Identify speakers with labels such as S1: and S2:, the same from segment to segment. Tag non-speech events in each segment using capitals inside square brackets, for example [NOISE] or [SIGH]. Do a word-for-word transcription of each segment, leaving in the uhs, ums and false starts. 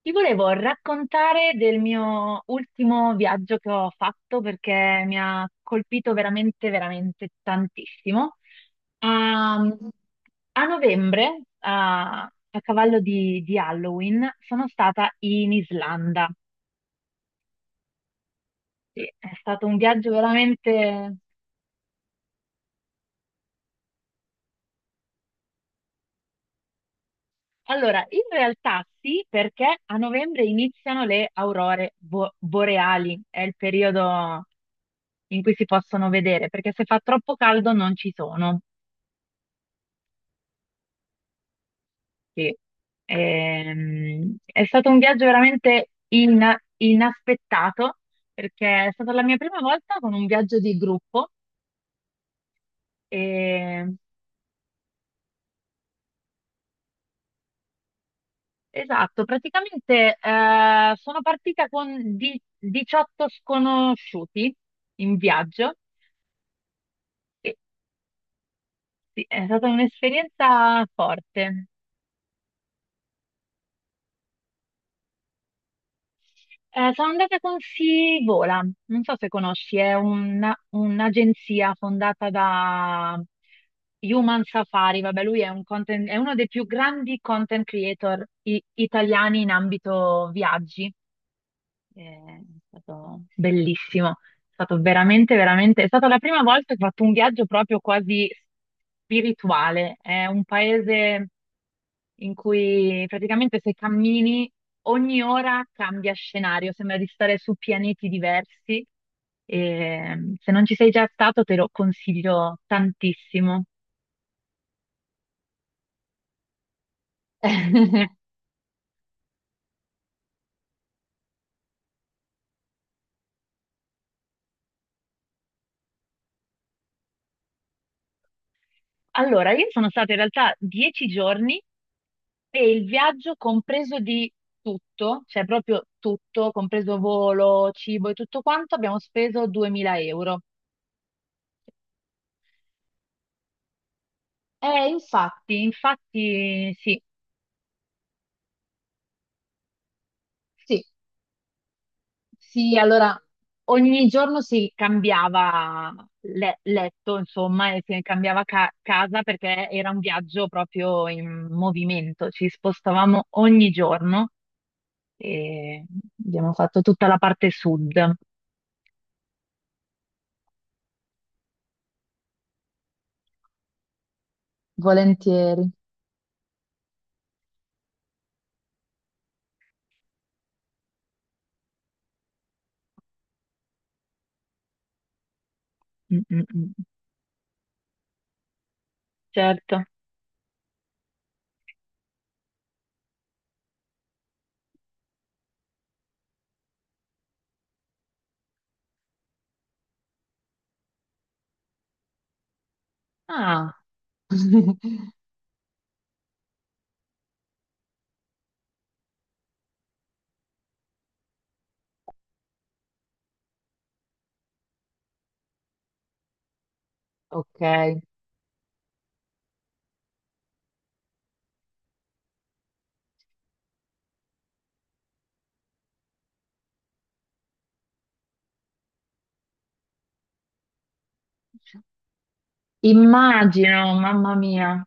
S1: Ti volevo raccontare del mio ultimo viaggio che ho fatto perché mi ha colpito veramente, veramente tantissimo. A, a novembre, a, a cavallo di, di Halloween, sono stata in Islanda. Sì, è stato un viaggio veramente... Allora, in realtà sì, perché a novembre iniziano le aurore bo- boreali, è il periodo in cui si possono vedere, perché se fa troppo caldo non ci sono. Sì. Ehm, è stato un viaggio veramente in- inaspettato perché è stata la mia prima volta con un viaggio di gruppo. E- esatto, praticamente eh, sono partita con di- diciotto sconosciuti in viaggio e sì, è stata un'esperienza forte. Eh, sono andata con Sivola, non so se conosci, è un- un'agenzia fondata da Human Safari, vabbè, lui è, un content- è uno dei più grandi content creator i- italiani in ambito viaggi. È stato bellissimo, è stato veramente, veramente, è stata la prima volta che ho fatto un viaggio proprio quasi spirituale. È un paese in cui praticamente se cammini ogni ora cambia scenario, sembra di stare su pianeti diversi e mm, se non ci sei già stato te lo consiglio tantissimo. [LAUGHS] Allora, io sono stata in realtà dieci giorni. E il viaggio compreso di tutto, cioè proprio tutto, compreso volo, cibo e tutto quanto, abbiamo speso duemila euro. Eh, infatti, infatti, sì, sì, sì, allora ogni giorno si cambiava le- letto, insomma, e si cambiava ca- casa perché era un viaggio proprio in movimento, ci spostavamo ogni giorno e abbiamo fatto tutta la parte sud. Volentieri. Mm, mm, mm. Certo. Ah, [LAUGHS] ok. Immagino, mamma mia.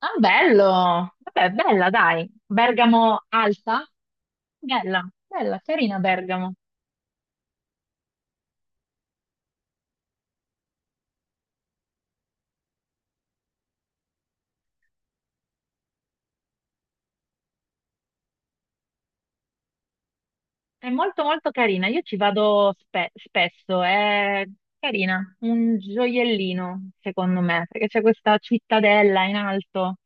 S1: Ah, bello. Vabbè, bella, dai. Bergamo alta? Bella, bella, carina Bergamo. È molto molto carina. Io ci vado spe- spesso, è carina, un gioiellino, secondo me, perché c'è questa cittadella in alto,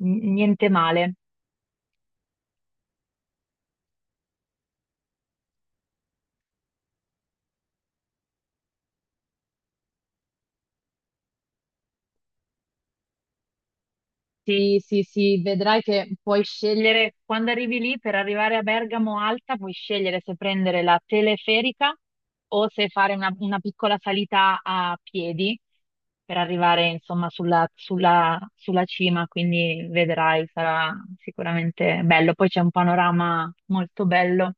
S1: N- niente male. Sì, sì, sì, vedrai che puoi scegliere, quando arrivi lì per arrivare a Bergamo Alta, puoi scegliere se prendere la teleferica o se fare una, una piccola salita a piedi per arrivare insomma sulla, sulla- sulla cima, quindi vedrai, sarà sicuramente bello. Poi c'è un panorama molto bello.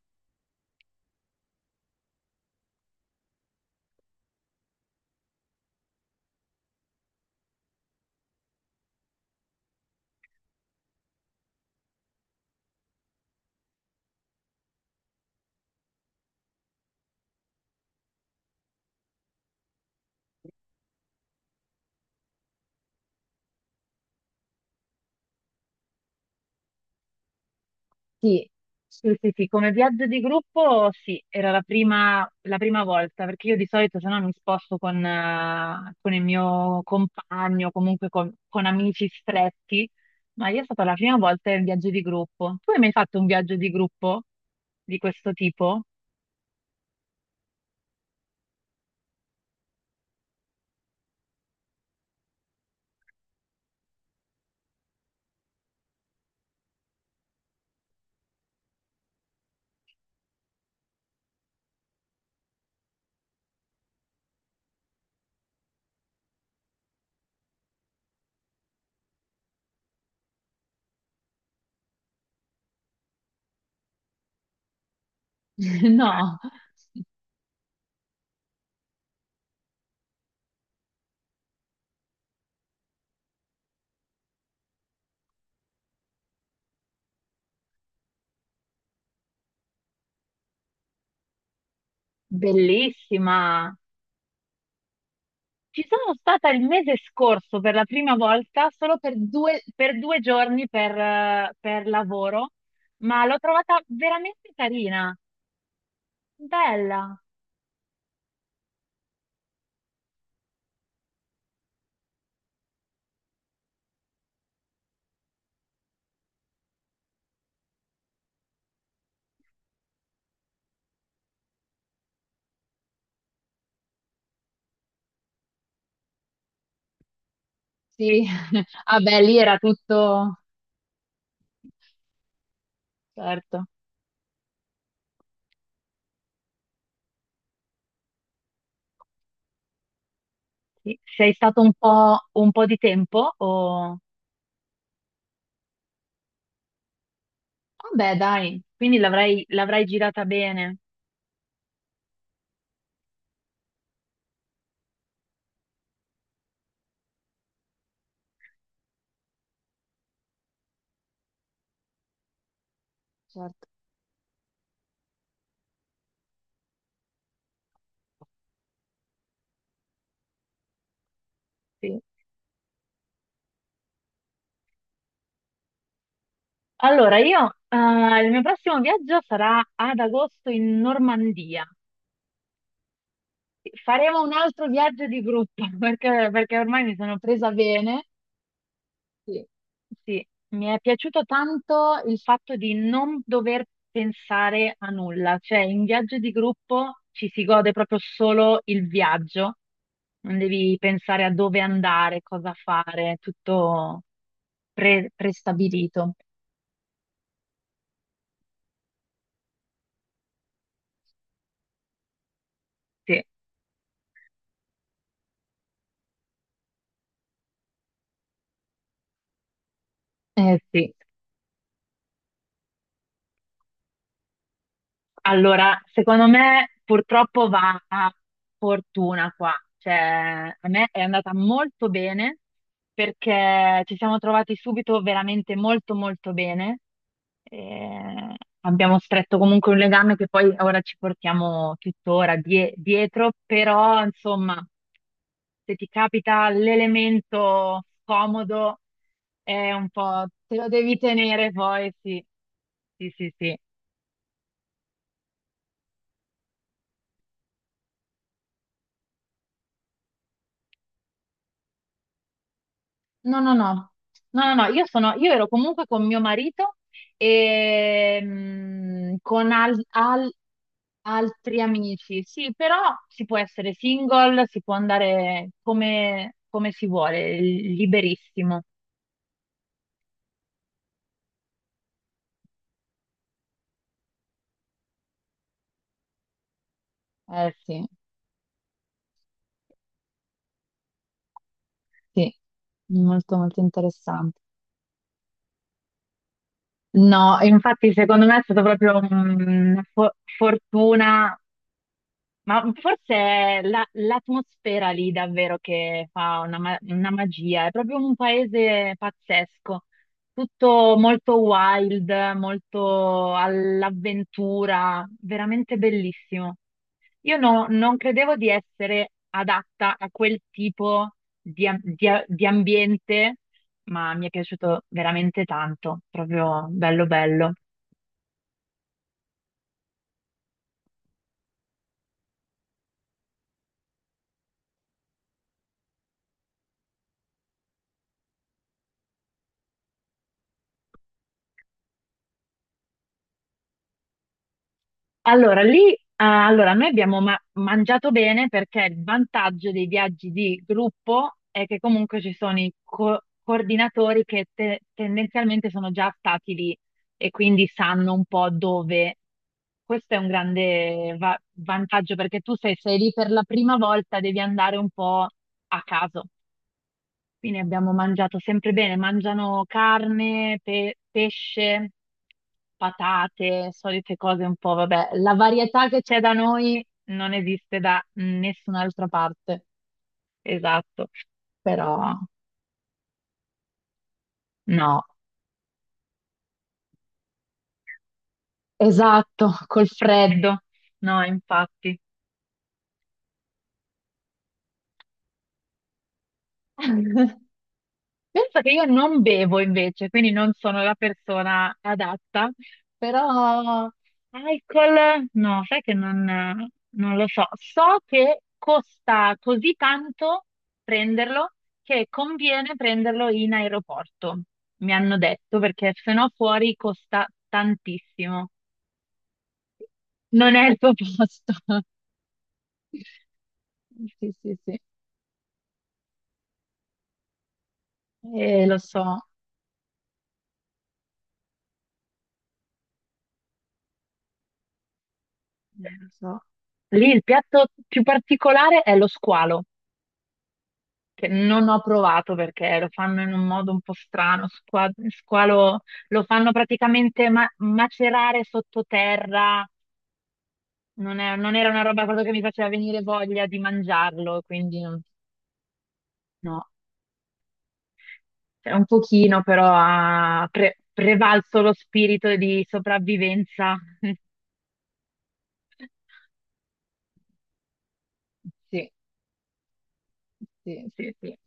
S1: Sì, sì, sì, sì, come viaggio di gruppo sì, era la prima, la prima volta, perché io di solito se no mi sposto con, eh, con il mio compagno, comunque con, con amici stretti, ma io è stata la prima volta in viaggio di gruppo. Tu hai mai fatto un viaggio di gruppo di questo tipo? [LAUGHS] No, bellissima! Ci sono stata il mese scorso per la prima volta, solo per due, per due giorni per, eh, per lavoro, ma l'ho trovata veramente carina, bella. Sì, [LAUGHS] vabbè, lì era tutto, certo. Sì. Sei stato un po', un po' di tempo o... Vabbè, dai, quindi l'avrai l'avrai girata bene. Certo, sì. Allora, io, eh, il mio prossimo viaggio sarà ad agosto in Normandia. Faremo un altro viaggio di gruppo [LAUGHS] perché, perché ormai mi sono presa bene. Sì. Sì, mi è piaciuto tanto il fatto di non dover pensare a nulla, cioè in viaggio di gruppo ci si gode proprio solo il viaggio, non devi pensare a dove andare, cosa fare, tutto pre- prestabilito. Sì, eh, sì. Allora, secondo me purtroppo va a fortuna qua, cioè a me è andata molto bene perché ci siamo trovati subito veramente molto molto bene, e abbiamo stretto comunque un legame che poi ora ci portiamo tuttora die- dietro, però insomma se ti capita l'elemento scomodo è un po' te lo devi tenere poi, sì, sì, sì, sì. No, no, no, no, no, no, io sono, io ero comunque con mio marito e mm, con al- al- altri amici, sì, però si può essere single, si può andare come, come si vuole, liberissimo. Eh sì, sì, molto molto interessante. No, infatti secondo me è stata proprio una fo- fortuna. Ma forse è la- l'atmosfera lì davvero che fa una, ma- una magia, è proprio un paese pazzesco, tutto molto wild, molto all'avventura, veramente bellissimo. Io no- non credevo di essere adatta a quel tipo di, am- di a- di ambiente, ma mi è piaciuto veramente tanto, proprio bello bello. Allora, lì, eh, allora, noi abbiamo ma- mangiato bene perché il vantaggio dei viaggi di gruppo è che comunque ci sono i co- coordinatori che te- tendenzialmente sono già stati lì e quindi sanno un po' dove. Questo è un grande va- vantaggio perché tu se sei lì per la prima volta devi andare un po' a caso. Quindi abbiamo mangiato sempre bene, mangiano carne, pe- pesce, patate, solite cose un po', vabbè, la varietà che c'è da noi non esiste da nessun'altra parte, esatto, però no, esatto, col freddo, no, infatti. [LAUGHS] Penso che io non bevo invece, quindi non sono la persona adatta, però alcol no, sai che non, non lo so. So che costa così tanto prenderlo che conviene prenderlo in aeroporto, mi hanno detto, perché se no fuori costa tantissimo. Non è il tuo posto. [LAUGHS] Sì, sì, sì. Eh, lo so, eh, lo so. Lì il piatto più particolare è lo squalo. Che non ho provato perché lo fanno in un modo un po' strano, squa- squalo, lo fanno praticamente ma- macerare sottoterra, non è- non era una roba proprio che mi faceva venire voglia di mangiarlo, quindi non- no, cioè, un pochino però ha pre- prevalso lo spirito di sopravvivenza. [LAUGHS] Sì, sì. Sì, sì.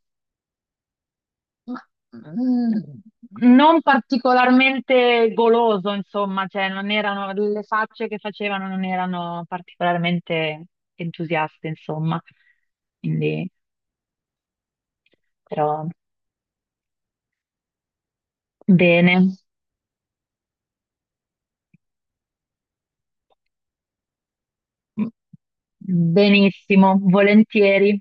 S1: Ma, mm, non particolarmente goloso, insomma, cioè non erano, le facce che facevano non erano particolarmente entusiaste, insomma. Quindi, però, bene, benissimo, volentieri.